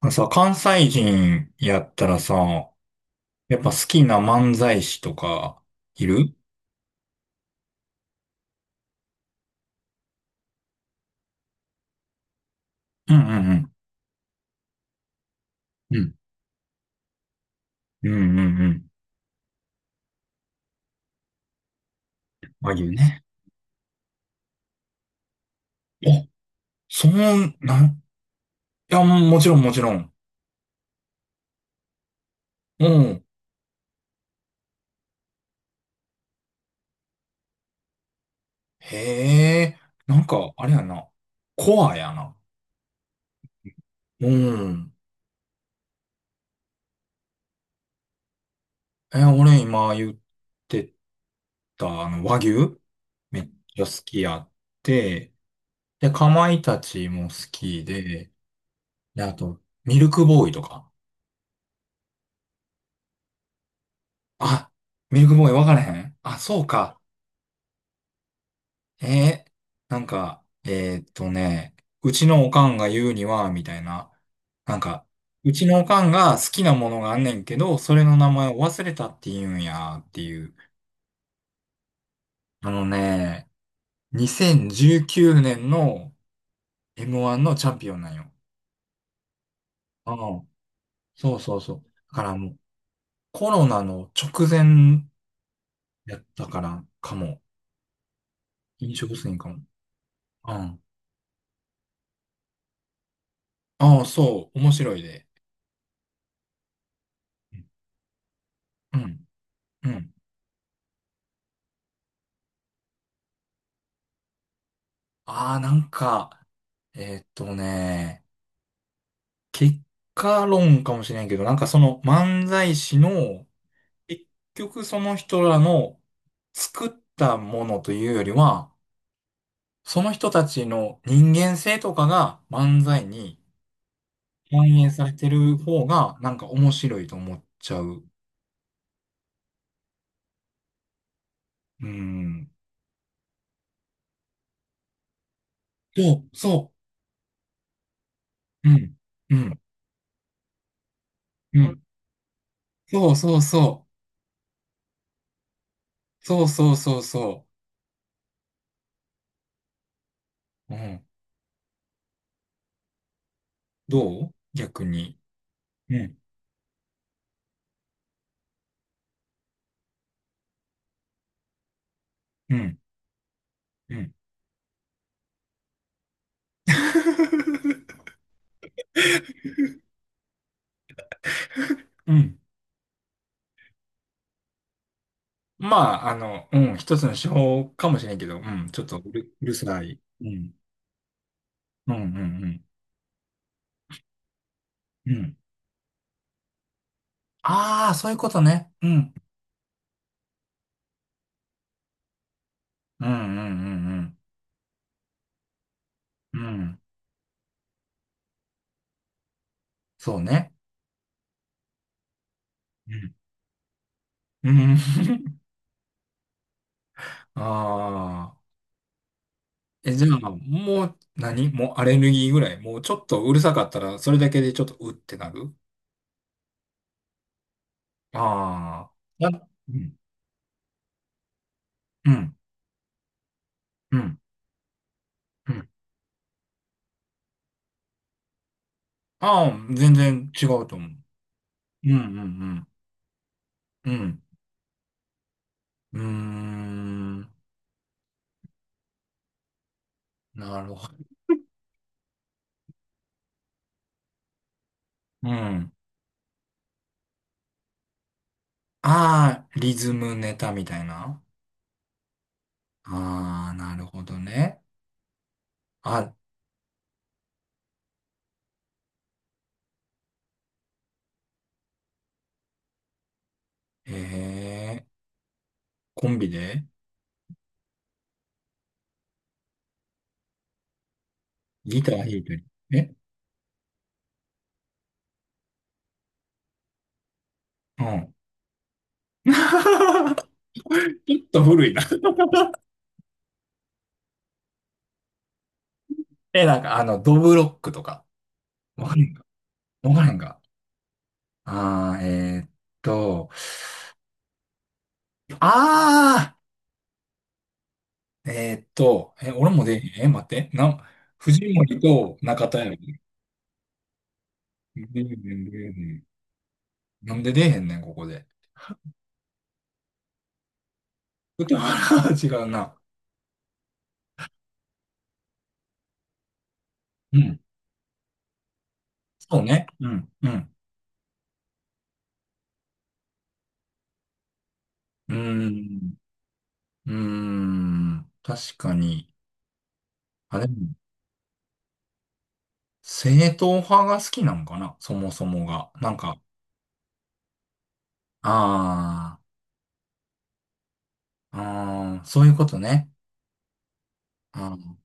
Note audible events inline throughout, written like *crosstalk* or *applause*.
あのさ、関西人やったらさ、やっぱ好きな漫才師とか、いる。うんうんうん。うん。うんうんうん。和牛ね。お、そう、なん、いや、もちろんもちろん。うん。へえ、なんか、あれやな。コアやな。うん。え、俺今言ってた、和牛めっちゃ好きやって、で、かまいたちも好きで、で、あと、ミルクボーイとか。あ、ミルクボーイ分からへん。あ、そうか。えー、なんか、うちのおかんが言うには、みたいな。なんか、うちのおかんが好きなものがあんねんけど、それの名前を忘れたって言うんや、っていう。あのね、2019年の M1 のチャンピオンなんよ。ああ、そうそうそう。だからもう、コロナの直前やったから、かも。飲食店かも。うん。ああ、そう。面白いで。うん。うん。ああ、なんか、えーっとね、結果論かもしれんけど、なんかその漫才師の、結局その人らの作ったものというよりは、その人たちの人間性とかが漫才に反映されてる方が、なんか面白いと思っちゃう。うん。そう、そう。うん。うん。うん。そうそうそう。そうそうそうそう。うん。どう逆に。うん。うんうん。*laughs* うん。まあ、うん、一つの手法かもしれんけど、うん、ちょっとうるさい。うん。うん、うん、うん。うん。ああ、そういうことね。うん。うん、うん、うん、うん。うん。そうね。うん。うん。*laughs* ああ。え、じゃあ、もう何、もうアレルギーぐらい。もうちょっとうるさかったら、それだけでちょっとうってなる。ああ。うん。うん。うん。うん。ああ、全然違うと思う。うん、うん、うん。うん。うーん。なるほど。うん。ああ、リズムネタみたいな。ああ、なるほどね。あ、へえ、コンビでギター弾いたり。え。うん。*laughs* ちょっと古いな。*laughs* え、なんかドブロックとか。わかんか。わからんか。ああ、と、ああ、え、俺もで、え、待って、藤森と中田やろ。出えへん出えへん。なんで出えへんねん、ここで。でも、あら *laughs* 違うな。うん。そうね。うん。うん。うーん。うーん。確かに。あ、でも、正統派が好きなんかな、そもそもが。なんか、ああ、ああ、そういうことね。あー、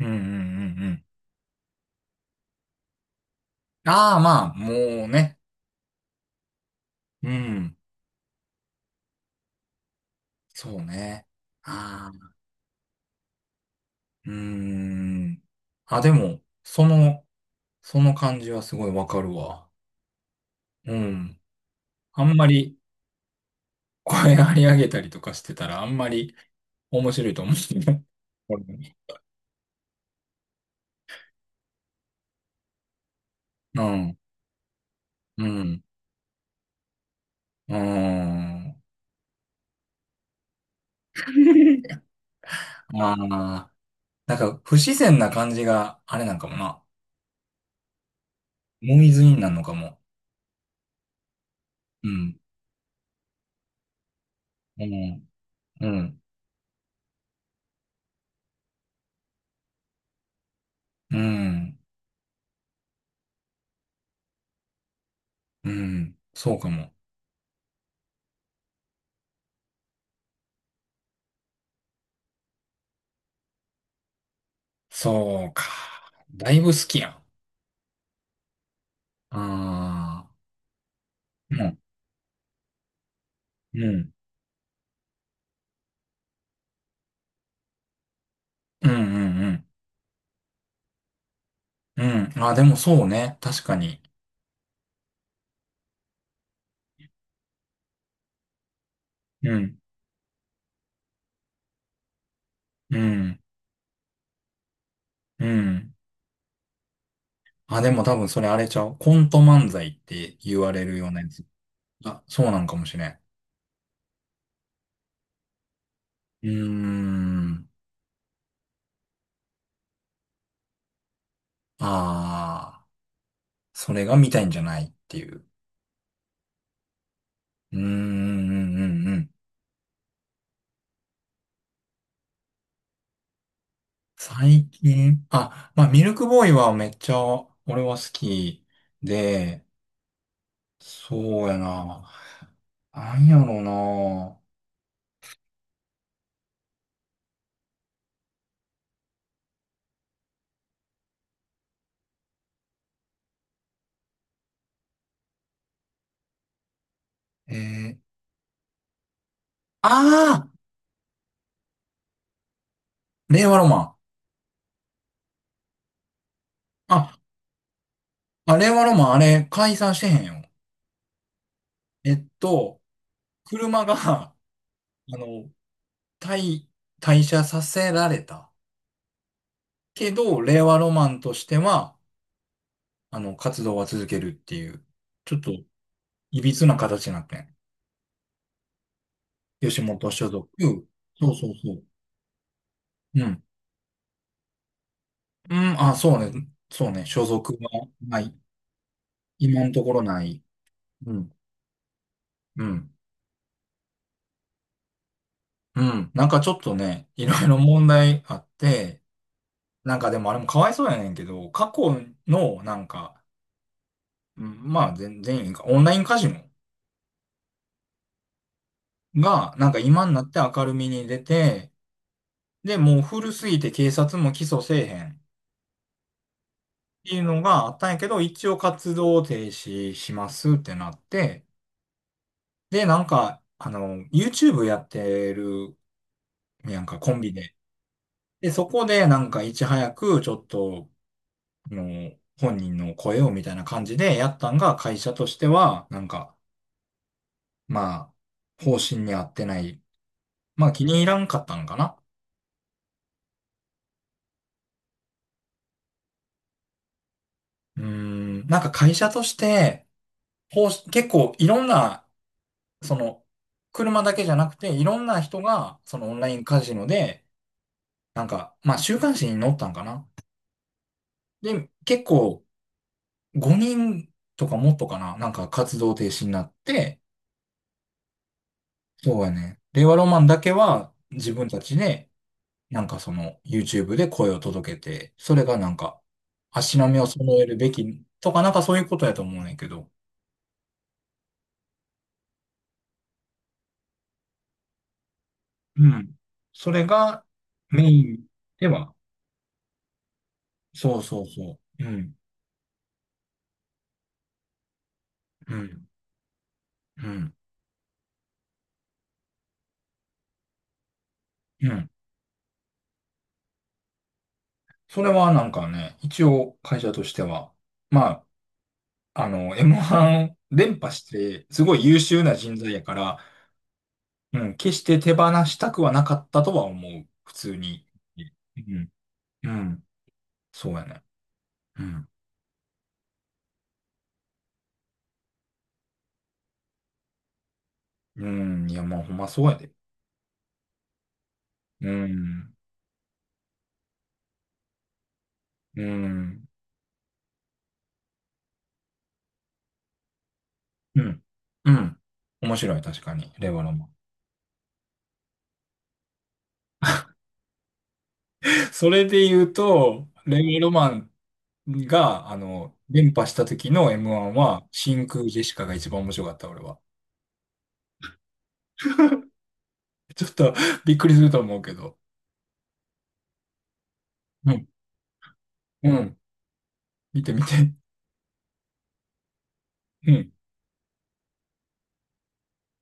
うんうんうんうん。ああ、まあ、もうね。うん。そうね。ああ、うーん。あ、でも、その感じはすごいわかるわ。うん。あんまり、声張り上げたりとかしてたらあんまり面白いと思う *laughs* んですよね。これね。うん、うん、うん。*laughs* まあ、なんか不自然な感じがあれなんかもな。ノイズインなんのかも。うん、うん、うん、うん、うん、そうかも。そうか。だいぶ好きやん。ああ、うん、うん、うん、うん、うん。うん、あ、でもそうね。確かに。うん、うん、うん。あ、でも多分それあれちゃう。コント漫才って言われるようなやつ。あ、そうなんかもしれん。うーん。ああ、それが見たいんじゃないっていう。うーん、うんうんうん。最近、あ、まあ、ミルクボーイはめっちゃ俺は好きで、そうやな。なんやろな。えー、ああ、令和ロマン。あ、あ、令和ロマン、あれ、解散してへんよ。えっと、車が、*laughs* あの、退、退社させられた。けど、令和ロマンとしては、あの、活動は続けるっていう、ちょっと、いびつな形になってん。吉本所属。そうそうそう。うん。うん、あ、そうね。そうね。所属はない。今のところない。うん。うん。うん。なんかちょっとね、いろいろ問題あって、なんかでもあれもかわいそうやねんけど、過去の、なんか、うん、まあ全員か、オンラインカジノが、なんか今になって明るみに出て、で、もう古すぎて警察も起訴せえへんっていうのがあったんやけど、一応活動停止しますってなって、で、なんか、あの、YouTube やってるやんか、コンビで。で、そこでなんかいち早くちょっと、あの、本人の声をみたいな感じでやったんが、会社としては、なんか、まあ、方針に合ってない。まあ、気に入らんかったのかな。うーん、なんか会社として、方針結構いろんな、その、車だけじゃなくて、いろんな人が、そのオンラインカジノで、なんか、まあ、週刊誌に載ったんかな。で、結構、5人とかもっとかな、なんか活動停止になって、そうやね。令和ロマンだけは自分たちで、なんかその、YouTube で声を届けて、それがなんか、足並みを揃えるべきとか、なんかそういうことやと思うねんけど。うん。それがメインでは、そうそうそう。うん。うん。うん。うん。それはなんかね、一応会社としては、まあ、あの、M1 連覇して、すごい優秀な人材やから、うん、決して手放したくはなかったとは思う。普通に。うん。うん。そうやね。うん。うん。いや、まあ、ほんまそうやで。うん。うん。うん。うん。面白い、確かに。令和ロマン。*laughs* それで言うと、令和ロマンが、あの、連覇した時の M1 は、真空ジェシカが一番面白かった、俺は。ちょっとびっくりすると思うけど。うん。うん。見て見て。うん。